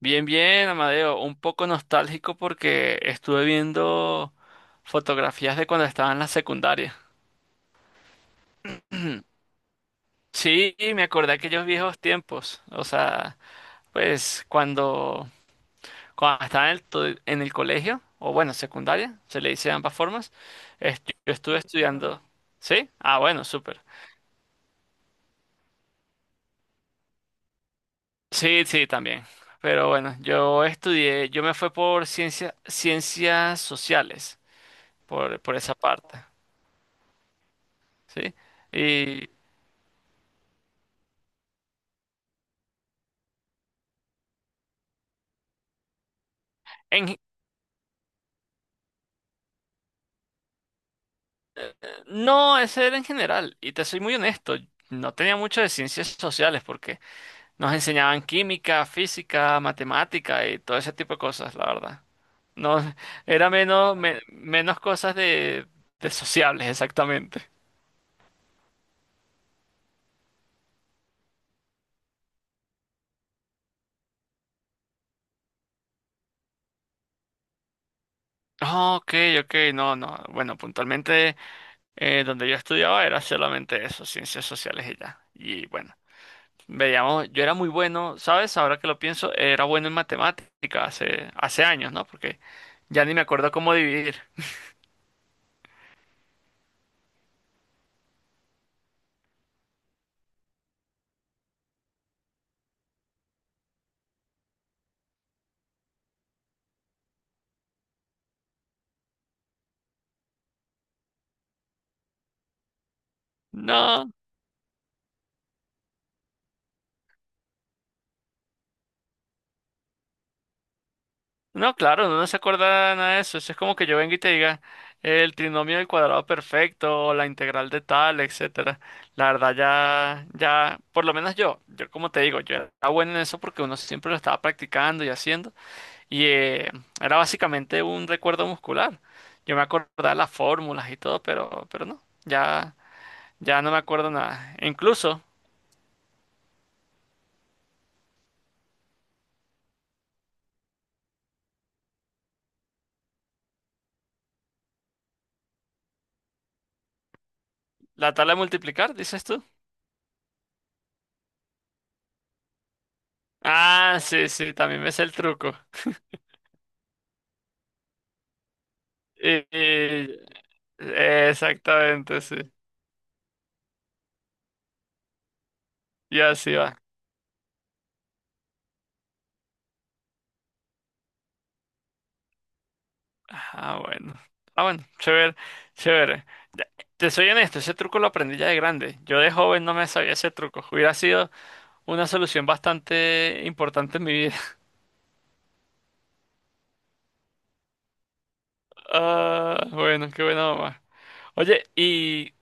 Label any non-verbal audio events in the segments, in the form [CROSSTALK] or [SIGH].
Bien, bien, Amadeo. Un poco nostálgico porque estuve viendo fotografías de cuando estaba en la secundaria. Sí, y me acordé de aquellos viejos tiempos. O sea, pues cuando estaba en el, en el colegio, o bueno, secundaria, se le dice de ambas formas. Yo estuve estudiando. ¿Sí? Ah, bueno, súper. Sí, sí, también. Pero bueno, yo estudié, yo me fui por ciencias sociales, por esa parte, ¿sí? Y en, No, ese era en general. Y te soy muy honesto, no tenía mucho de ciencias sociales porque nos enseñaban química, física, matemática y todo ese tipo de cosas, la verdad. No, era menos, menos cosas de sociables, exactamente. Ah, OK, OK, no, no. Bueno, puntualmente donde yo estudiaba era solamente eso, ciencias sociales y ya. Y bueno, veíamos, yo era muy bueno, ¿sabes? Ahora que lo pienso, era bueno en matemáticas hace años, ¿no? Porque ya ni me acuerdo cómo dividir. No, no, claro, no se acuerda nada de eso. Eso es como que yo venga y te diga el trinomio del cuadrado perfecto o la integral de tal, etcétera. La verdad por lo menos yo como te digo, yo era bueno en eso porque uno siempre lo estaba practicando y haciendo, y era básicamente un recuerdo muscular. Yo me acordaba las fórmulas y todo, pero no, ya no me acuerdo nada. E incluso la tabla de multiplicar, dices tú. Ah, sí, sí, también me sé el truco. Y- y- Exactamente, sí. Y así va. Ah, bueno. Ah, bueno, chévere, chévere. Ya, te soy honesto, ese truco lo aprendí ya de grande. Yo de joven no me sabía ese truco. Hubiera sido una solución bastante importante en mi vida. [LAUGHS] Ah, bueno, qué bueno, mamá. Oye, ¿y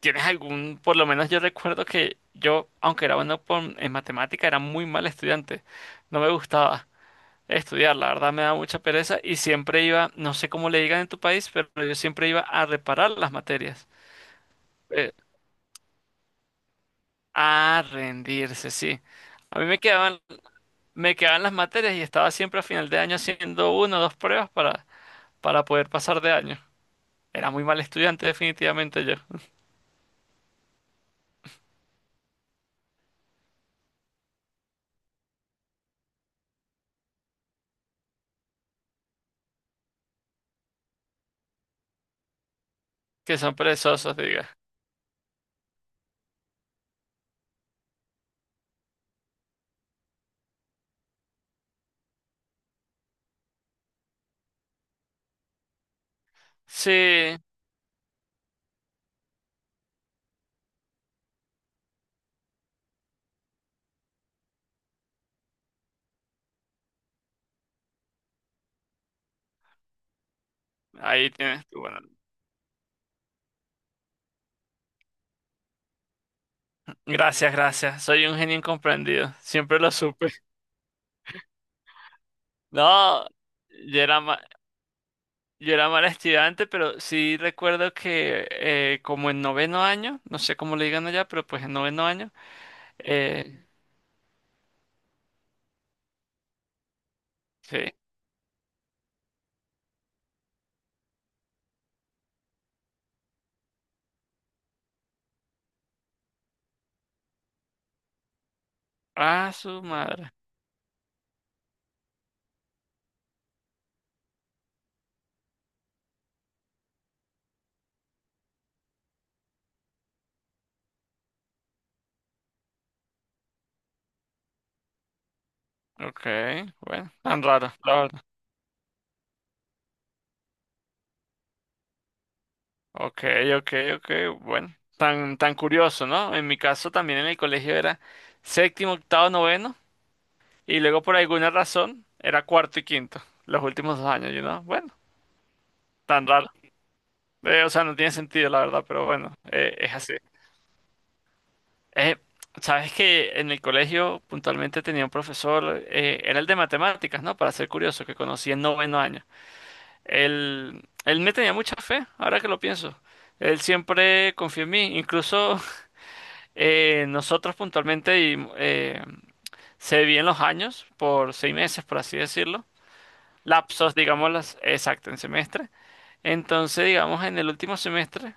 tienes algún, por lo menos yo recuerdo que yo, aunque era bueno en matemática, era muy mal estudiante. No me gustaba estudiar, la verdad me da mucha pereza y siempre iba, no sé cómo le digan en tu país, pero yo siempre iba a reparar las materias. Eh, a rendirse, sí. A mí me quedaban las materias y estaba siempre a final de año haciendo una o dos pruebas para poder pasar de año. Era muy mal estudiante, definitivamente yo. Que son perezosos, diga. Sí, ahí tienes tú. Bueno, gracias, gracias. Soy un genio incomprendido. Siempre lo supe. No, yo era, ma- Yo era mal estudiante, pero sí recuerdo que como en noveno año, no sé cómo le digan allá, pero pues en noveno año, eh, sí. Ah, su madre. OK, bueno, tan raro, la verdad. OK, OK, OK, bueno. Tan, tan curioso, ¿no? En mi caso también en el colegio era séptimo, octavo, noveno, y luego por alguna razón era cuarto y quinto, los últimos dos años. Bueno, tan raro. O sea, no tiene sentido, la verdad, pero bueno, es así. Eh, sabes que en el colegio puntualmente tenía un profesor, era el de matemáticas, ¿no? Para ser curioso, que conocí en noveno año. Él me tenía mucha fe, ahora que lo pienso. Él siempre confió en mí, incluso [LAUGHS] nosotros puntualmente se dividían los años por 6 meses, por así decirlo, lapsos, digamos, exacto, en semestre. Entonces, digamos, en el último semestre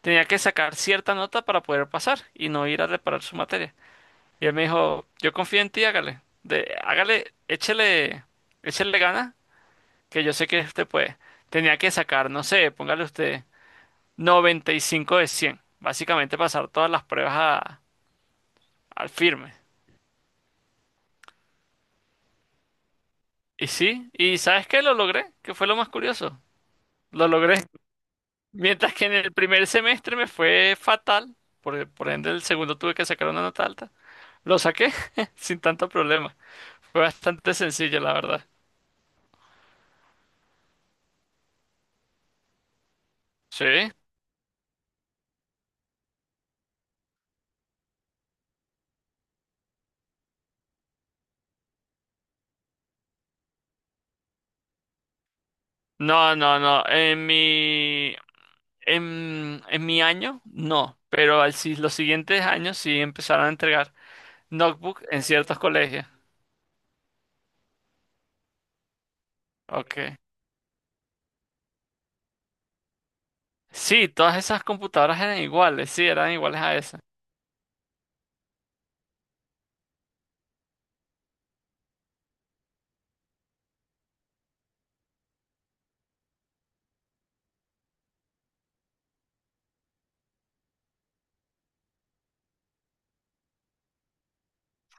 tenía que sacar cierta nota para poder pasar y no ir a reparar su materia. Y él me dijo, yo confío en ti, hágale. Hágale, échele, échele ganas que yo sé que usted puede. Tenía que sacar, no sé, póngale usted 95 de 100. Básicamente pasar todas las pruebas al firme. Y sí, y ¿sabes qué? Lo logré, que fue lo más curioso. Lo logré. Mientras que en el primer semestre me fue fatal, por ende el segundo tuve que sacar una nota alta. Lo saqué [LAUGHS] sin tanto problema. Fue bastante sencillo, la verdad. Sí. No, no, no. En mi año, no. Pero al, si- los siguientes años sí empezaron a entregar notebook en ciertos colegios. OK. Sí, todas esas computadoras eran iguales. Sí, eran iguales a esas.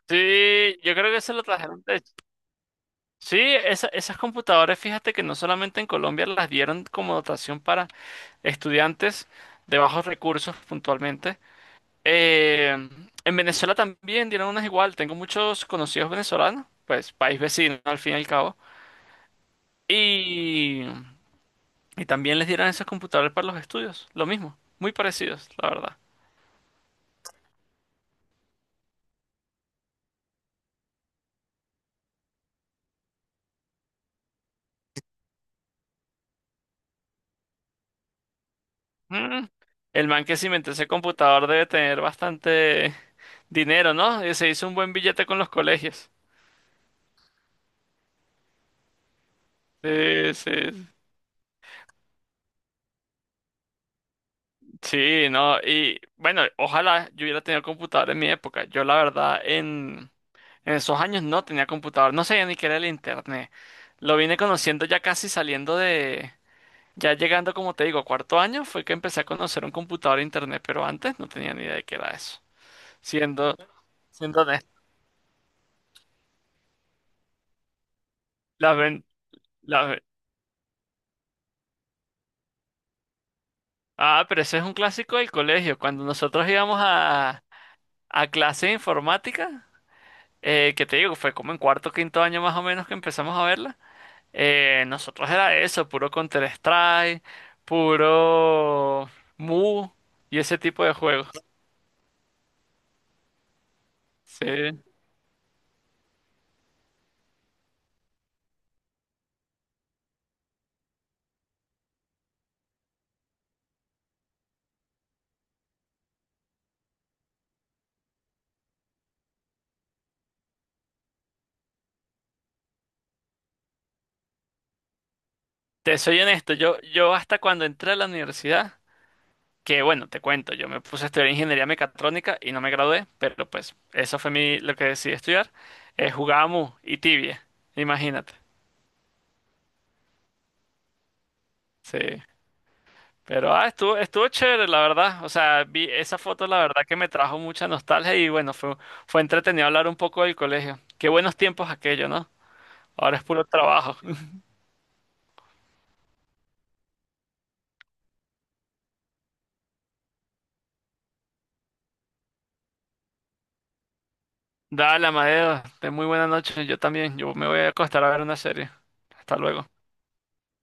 Sí, yo creo que eso lo trajeron de. Sí, esas computadoras, fíjate que no solamente en Colombia las dieron como dotación para estudiantes de bajos recursos puntualmente. Eh, en Venezuela también dieron unas igual. Tengo muchos conocidos venezolanos, pues país vecino al fin y al cabo. Y, y también les dieron esos computadores para los estudios. Lo mismo, muy parecidos, la verdad. Mm, El man que se inventó ese computador debe tener bastante dinero, ¿no? Y se hizo un buen billete con los colegios. Sí, sí, sí, no, y bueno, ojalá yo hubiera tenido computador en mi época. Yo la verdad en esos años no tenía computador, no sabía ni qué era el internet. Lo vine conociendo ya casi saliendo de, ya llegando, como te digo, a cuarto año, fue que empecé a conocer un computador e internet, pero antes no tenía ni idea de qué era eso. Siendo, siendo honesto. Las ven, las ven- Ah, pero ese es un clásico del colegio. Cuando nosotros íbamos a clase de informática, que te digo, fue como en cuarto, quinto año más o menos que empezamos a verla. Nosotros era eso, puro Counter-Strike, puro Mu y ese tipo de juegos. Sí. Te soy honesto, yo hasta cuando entré a la universidad, que bueno, te cuento, yo me puse a estudiar ingeniería mecatrónica y no me gradué, pero pues eso fue mi, lo que decidí estudiar. Jugaba Mu y Tibia, imagínate. Sí. Pero estuvo chévere, la verdad. O sea, vi esa foto, la verdad que me trajo mucha nostalgia y bueno, fue entretenido hablar un poco del colegio. Qué buenos tiempos aquello, ¿no? Ahora es puro trabajo. [LAUGHS] Dale, Amadeo, ten muy buena noche. Yo también. Yo me voy a acostar a ver una serie. Hasta luego.